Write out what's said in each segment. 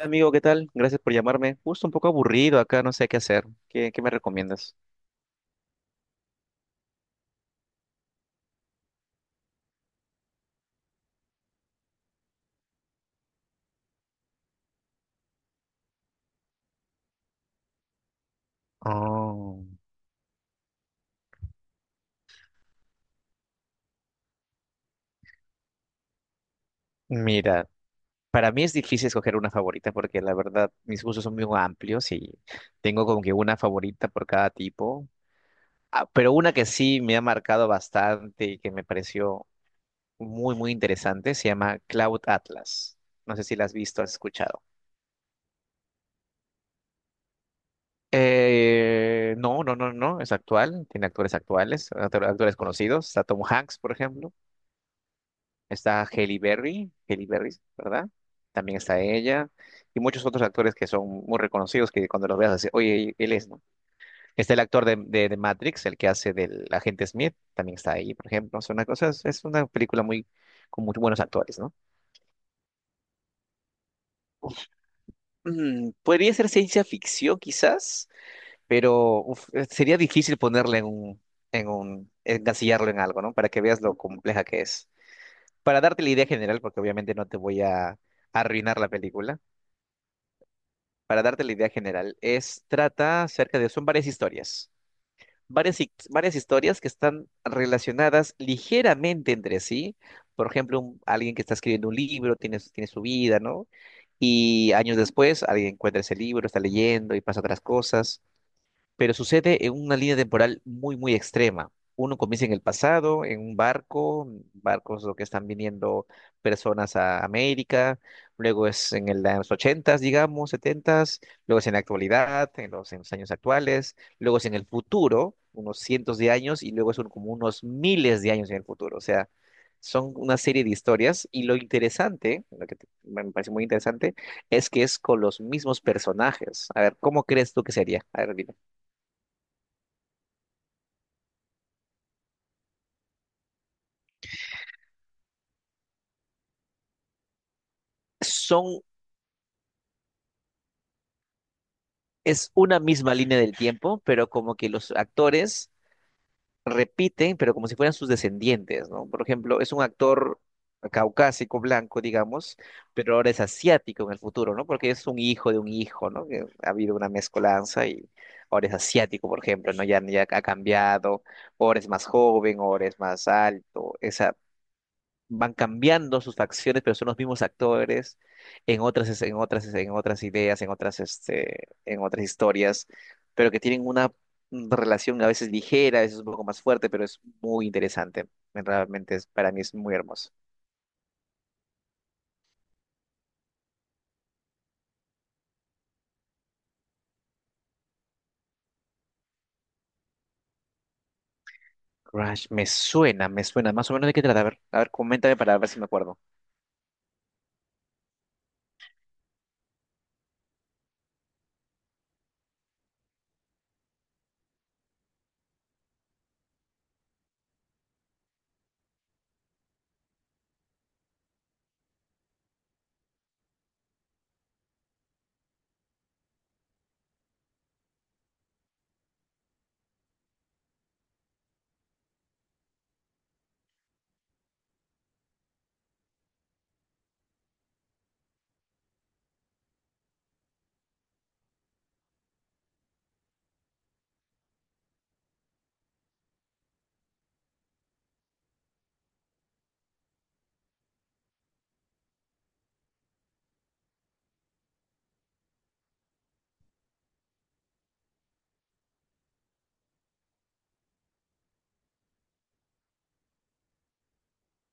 Amigo, ¿qué tal? Gracias por llamarme. Justo un poco aburrido acá, no sé qué hacer. ¿Qué me recomiendas? Oh, mira, para mí es difícil escoger una favorita porque la verdad mis gustos son muy amplios y tengo como que una favorita por cada tipo. Ah, pero una que sí me ha marcado bastante y que me pareció muy, muy interesante se llama Cloud Atlas. No sé si la has visto, has escuchado. No, no, no, no, es actual, tiene actores actuales, actores conocidos, está Tom Hanks, por ejemplo. Está Halle Berry, Halle Berry, ¿verdad? También está ella. Y muchos otros actores que son muy reconocidos que cuando los veas así, oye, él es, ¿no? Está el actor de Matrix, el que hace del agente Smith, también está ahí, por ejemplo. Es una cosa, es una película muy, con muy buenos actores, ¿no? Podría ser ciencia ficción quizás, pero uf, sería difícil ponerle en un, encasillarlo en algo, ¿no? Para que veas lo compleja que es. Para darte la idea general, porque obviamente no te voy a arruinar la película. Para darte la idea general, es trata acerca de, son varias historias, varias historias que están relacionadas ligeramente entre sí. Por ejemplo, alguien que está escribiendo un libro, tiene su vida, ¿no? Y años después, alguien encuentra ese libro, está leyendo y pasa otras cosas pero sucede en una línea temporal muy, muy extrema. Uno comienza en el pasado, en un barco, barcos lo que están viniendo personas a América, luego es en los ochentas, digamos, setentas, luego es en la actualidad, en los años actuales, luego es en el futuro, unos cientos de años, y luego son como unos miles de años en el futuro. O sea, son una serie de historias y lo interesante, me parece muy interesante, es que es con los mismos personajes. A ver, ¿cómo crees tú que sería? A ver, son, es una misma línea del tiempo, pero como que los actores repiten, pero como si fueran sus descendientes, ¿no? Por ejemplo, es un actor caucásico, blanco, digamos, pero ahora es asiático en el futuro, ¿no? Porque es un hijo de un hijo, ¿no? Que ha habido una mezcolanza y ahora es asiático, por ejemplo, ¿no? Ya, ya ha cambiado, ahora es más joven, ahora es más alto, es van cambiando sus facciones, pero son los mismos actores en otras, en otras ideas, en otras historias, pero que tienen una relación a veces ligera, a veces un poco más fuerte, pero es muy interesante. Realmente es, para mí es muy hermoso. Crash, me suena, me suena. Más o menos de qué trata. A ver, coméntame para ver si me acuerdo.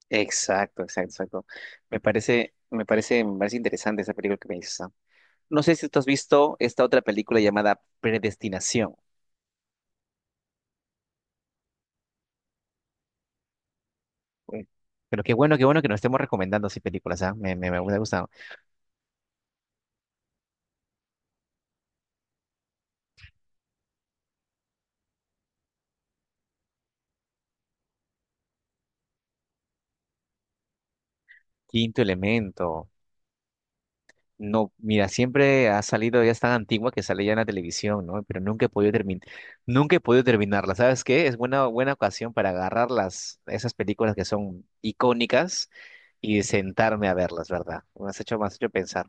Exacto, exacto, exacto. Me parece, me parece, me parece interesante esa película que me dices. ¿Ah? No sé si tú has visto esta otra película llamada Predestinación. Uy, pero qué bueno que nos estemos recomendando así películas, ¿ah? Me ha gustado. Quinto Elemento. No, mira, siempre ha salido, ya es tan antigua que sale ya en la televisión, ¿no? Pero nunca he podido terminar, nunca he podido terminarla. ¿Sabes qué? Es buena, buena ocasión para agarrar las, esas películas que son icónicas y sentarme a verlas, ¿verdad? Me has hecho pensar.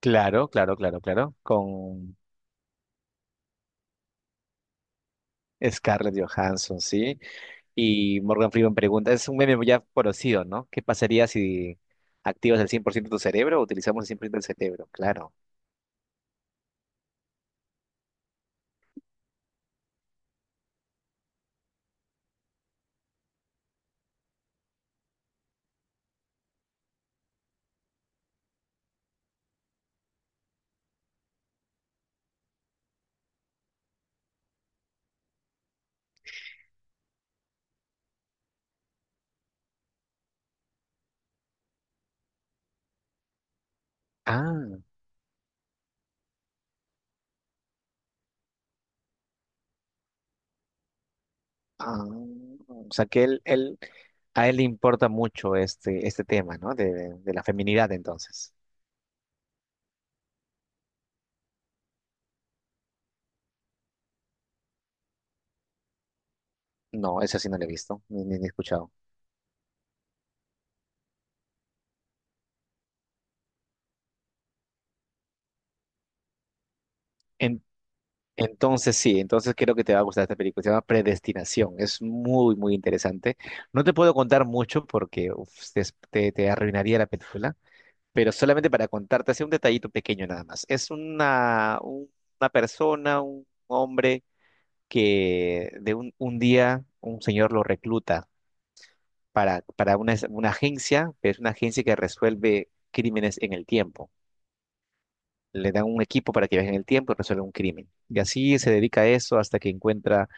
Claro, claro, claro, claro. Con Scarlett Johansson, sí. Y Morgan Freeman pregunta, es un meme ya conocido, ¿no? ¿Qué pasaría si activas el 100% de tu cerebro o utilizamos el 100% del cerebro? Claro. Ah, ah. O sea que a él le importa mucho este, este tema, ¿no? De la feminidad, entonces. No, eso sí no lo he visto, ni he escuchado. En- entonces sí, entonces creo que te va a gustar esta película. Se llama Predestinación. Es muy, muy interesante. No te puedo contar mucho porque uf, te te arruinaría la película pero solamente para contarte, así un detallito pequeño nada más. Es una, una persona, un hombre que un día un señor lo recluta para, una agencia, pero es una agencia que resuelve crímenes en el tiempo. Le dan un equipo para que viaje en el tiempo y resuelva un crimen. Y así se dedica a eso hasta que encuentra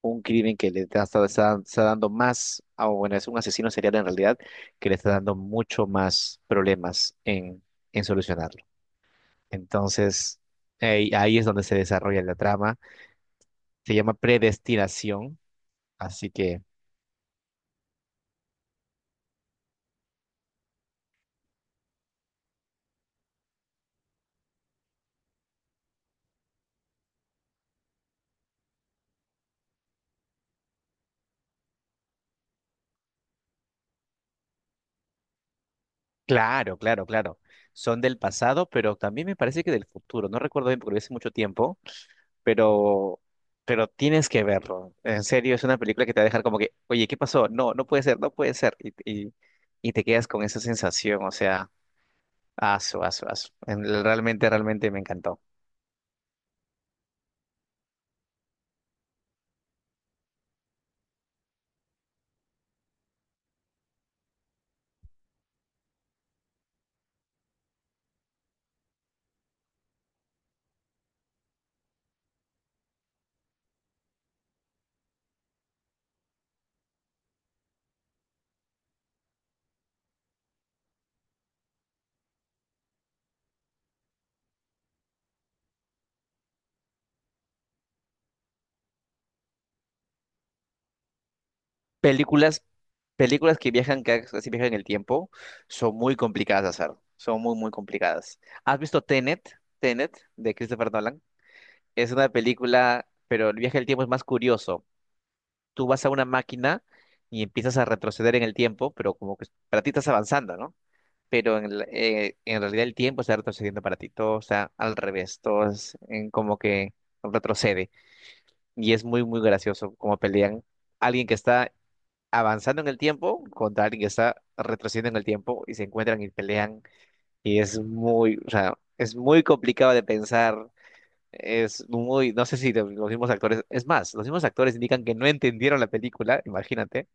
un crimen que está, está dando más, ah, bueno, es un asesino serial en realidad, que le está dando mucho más problemas en solucionarlo. Entonces, ahí es donde se desarrolla la trama. Se llama Predestinación. Así que, claro, claro, claro. Son del pasado, pero también me parece que del futuro. No recuerdo bien porque lo vi hace mucho tiempo, pero, tienes que verlo. En serio, es una película que te va a dejar como que, oye, ¿qué pasó? No, no puede ser, no puede ser. Y, y te quedas con esa sensación, o sea, aso, aso, aso. Realmente, realmente me encantó. Películas, películas que viajan, que así viajan en el tiempo, son muy complicadas de hacer. Son muy, muy complicadas. ¿Has visto Tenet? Tenet, de Christopher Nolan. Es una película, pero el viaje del tiempo es más curioso. Tú vas a una máquina y empiezas a retroceder en el tiempo, pero como que para ti estás avanzando, ¿no? Pero en realidad el tiempo está retrocediendo para ti. Todo está al revés. Todo es en como que retrocede. Y es muy, muy gracioso como pelean alguien que está avanzando en el tiempo contra alguien que está retrocediendo en el tiempo y se encuentran y pelean. Y es muy, o sea, es muy complicado de pensar. Es muy, no sé si los mismos actores, es más, los mismos actores indican que no entendieron la película, imagínate.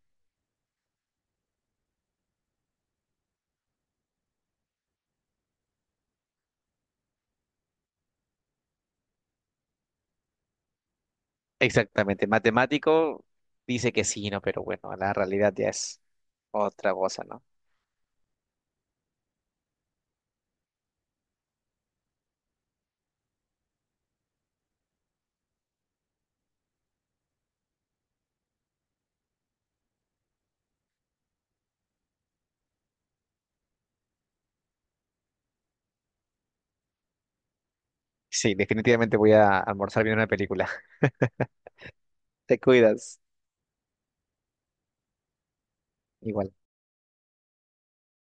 Exactamente, matemático dice que sí, ¿no? Pero bueno, la realidad ya es otra cosa, ¿no? Sí, definitivamente voy a almorzar viendo una película. Te cuidas. Igual.